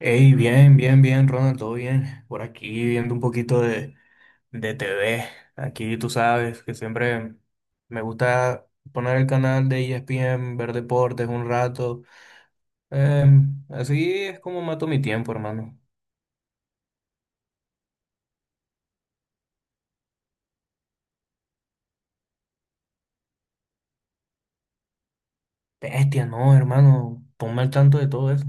Hey, bien, bien, bien, Ronald, todo bien. Por aquí viendo un poquito de TV. Aquí tú sabes que siempre me gusta poner el canal de ESPN, ver deportes un rato. Así es como mato mi tiempo, hermano. Bestia, no, hermano, ponme al tanto de todo eso.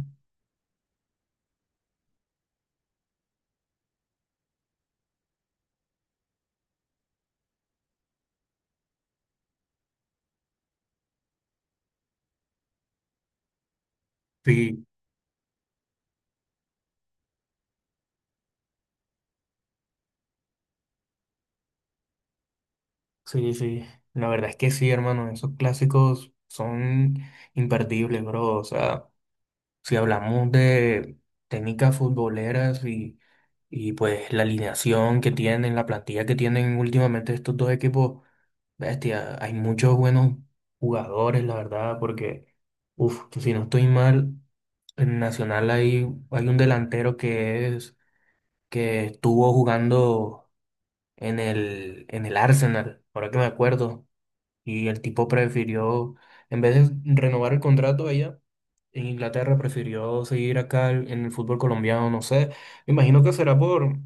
Sí, sí, sí. La verdad es que sí, hermano, esos clásicos son imperdibles, bro. O sea, si hablamos de técnicas futboleras y pues la alineación que tienen, la plantilla que tienen últimamente estos dos equipos, bestia, hay muchos buenos jugadores, la verdad, porque, uff, si no estoy mal, en Nacional hay un delantero que estuvo jugando en el Arsenal, ahora que me acuerdo. Y el tipo prefirió, en vez de renovar el contrato allá en Inglaterra, prefirió seguir acá en el fútbol colombiano, no sé. Me imagino que será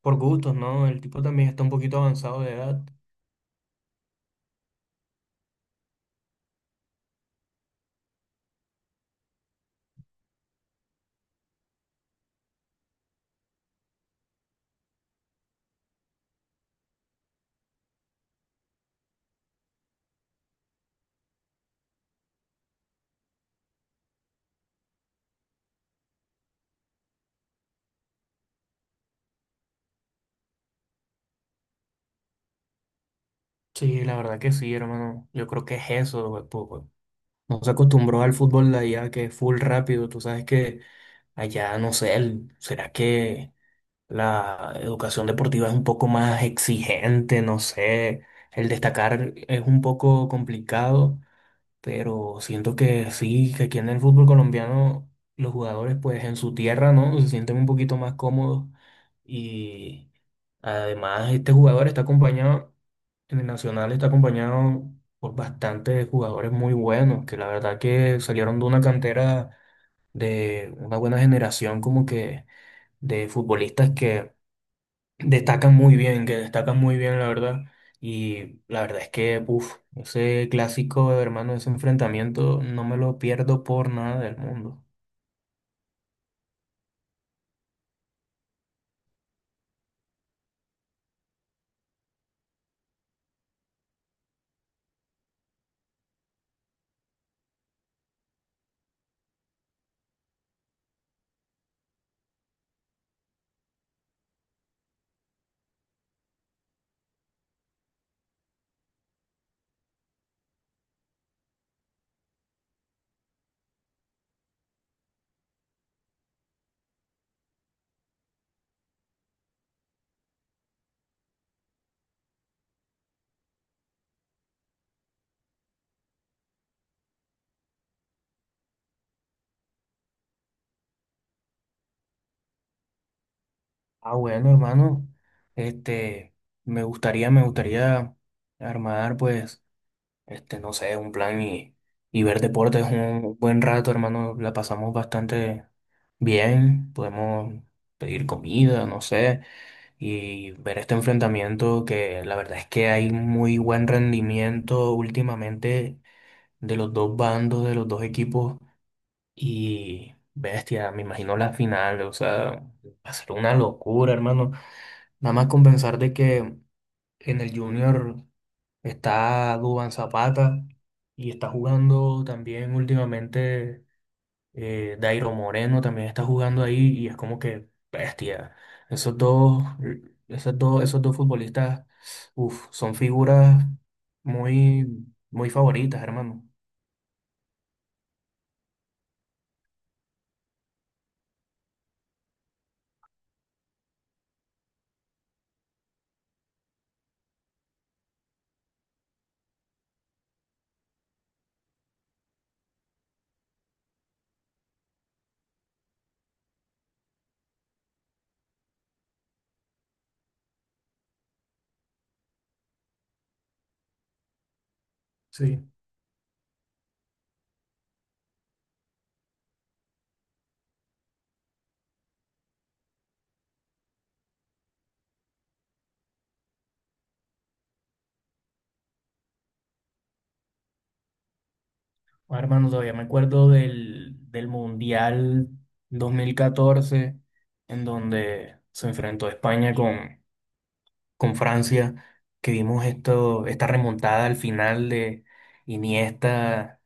por gustos, ¿no? El tipo también está un poquito avanzado de edad. Sí, la verdad que sí, hermano. Yo creo que es eso, güey, po- po. No se acostumbró al fútbol de allá, que es full rápido. Tú sabes que allá, no sé, será que la educación deportiva es un poco más exigente, no sé. El destacar es un poco complicado, pero siento que sí, que aquí en el fútbol colombiano los jugadores pues en su tierra, ¿no? Se sienten un poquito más cómodos y además este jugador está acompañado, en el Nacional está acompañado por bastantes jugadores muy buenos, que la verdad que salieron de una cantera, de una buena generación como que de futbolistas que destacan muy bien, que destacan muy bien, la verdad. Y la verdad es que, uff, ese clásico, hermano, ese enfrentamiento, no me lo pierdo por nada del mundo. Ah, bueno, hermano, este, me gustaría armar, pues, este, no sé, un plan y ver deportes un buen rato, hermano. La pasamos bastante bien, podemos pedir comida, no sé, y ver este enfrentamiento, que la verdad es que hay muy buen rendimiento últimamente de los dos bandos, de los dos equipos, y bestia, me imagino la final, o sea, va a ser una locura, hermano. Nada más con pensar de que en el Junior está Dubán Zapata y está jugando también últimamente, Dairo Moreno también está jugando ahí y es como que bestia. Esos dos, Esos dos futbolistas, uf, son figuras muy, muy favoritas, hermano. Sí. Ah, hermano, todavía me acuerdo del Mundial 2014, en donde se enfrentó España con Francia, que vimos esto, esta remontada al final de Iniesta,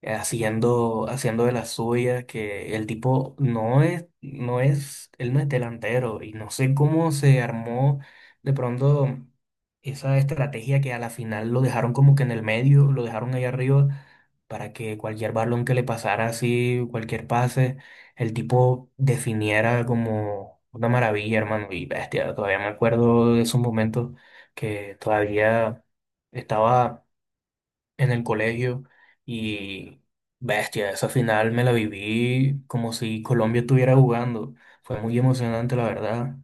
haciendo de las suyas, que el tipo él no es delantero y no sé cómo se armó de pronto esa estrategia, que a la final lo dejaron como que en el medio, lo dejaron ahí arriba para que cualquier balón que le pasara así, cualquier pase, el tipo definiera como una maravilla, hermano, y bestia. Todavía me acuerdo de esos momentos, que todavía estaba en el colegio y bestia, esa final me la viví como si Colombia estuviera jugando. Fue muy emocionante, la verdad.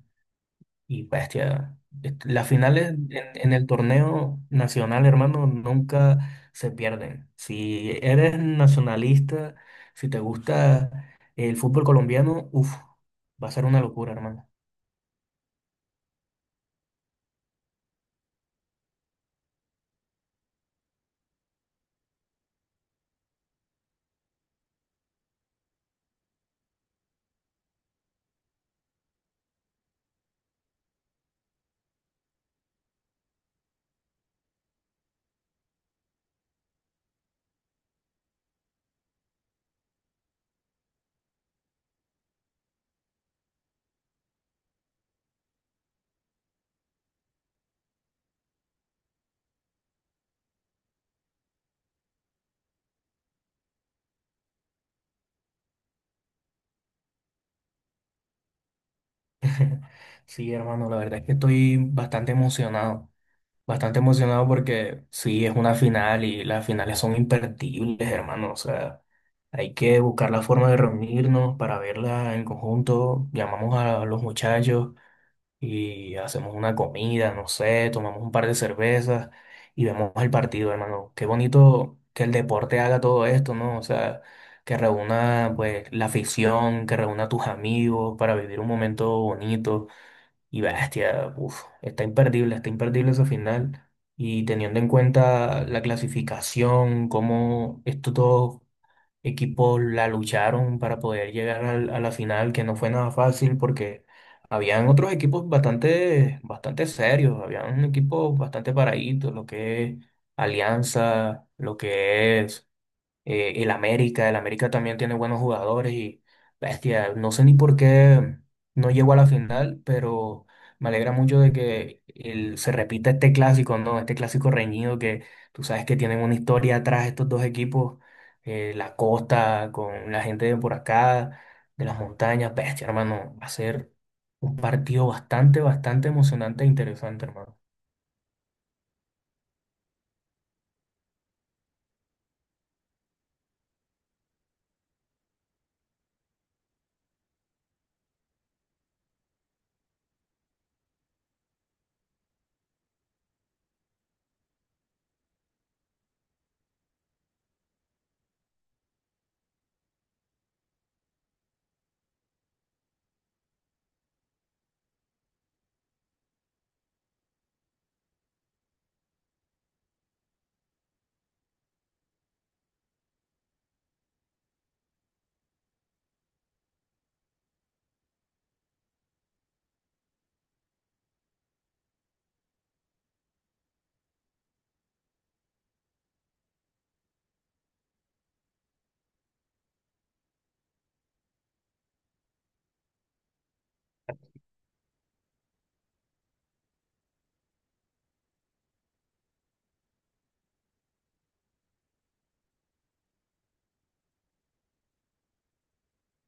Y bestia, las finales en el torneo nacional, hermano, nunca se pierden. Si eres nacionalista, si te gusta el fútbol colombiano, uff, va a ser una locura, hermano. Sí, hermano, la verdad es que estoy bastante emocionado. Bastante emocionado porque sí, es una final y las finales son imperdibles, hermano. O sea, hay que buscar la forma de reunirnos para verla en conjunto. Llamamos a los muchachos y hacemos una comida, no sé, tomamos un par de cervezas y vemos el partido, hermano. Qué bonito que el deporte haga todo esto, ¿no? O sea, que reúna pues la afición, que reúna a tus amigos para vivir un momento bonito y bestia, uf, está imperdible ese final. Y teniendo en cuenta la clasificación, cómo esto todo equipos la lucharon para poder llegar a la final, que no fue nada fácil porque habían otros equipos bastante, bastante serios, habían equipos bastante paraditos, lo que es Alianza, lo que es y el América también tiene buenos jugadores y bestia, no sé ni por qué no llegó a la final, pero me alegra mucho de que se repita este clásico, ¿no? Este clásico reñido, que tú sabes que tienen una historia atrás estos dos equipos, la costa con la gente de por acá, de las montañas, bestia, hermano, va a ser un partido bastante, bastante emocionante e interesante, hermano.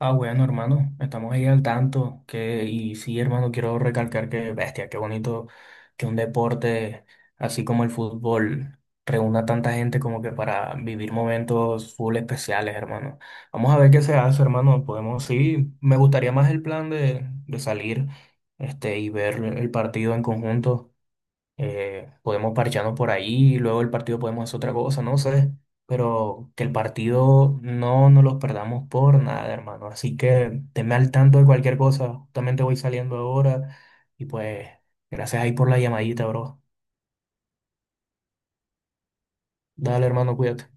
Ah, bueno, hermano, estamos ahí al tanto. Que, y sí, hermano, quiero recalcar que, bestia, qué bonito que un deporte así como el fútbol reúna tanta gente como que para vivir momentos full especiales, hermano. Vamos a ver qué se hace, hermano. Podemos, sí, me gustaría más el plan de salir este, y ver el partido en conjunto, podemos parcharnos por ahí, luego el partido podemos hacer otra cosa, no sé, pero que el partido no nos los perdamos por nada, hermano. Así que tenme al tanto de cualquier cosa, justamente voy saliendo ahora y pues gracias ahí por la llamadita, bro. Dale, hermano, cuídate.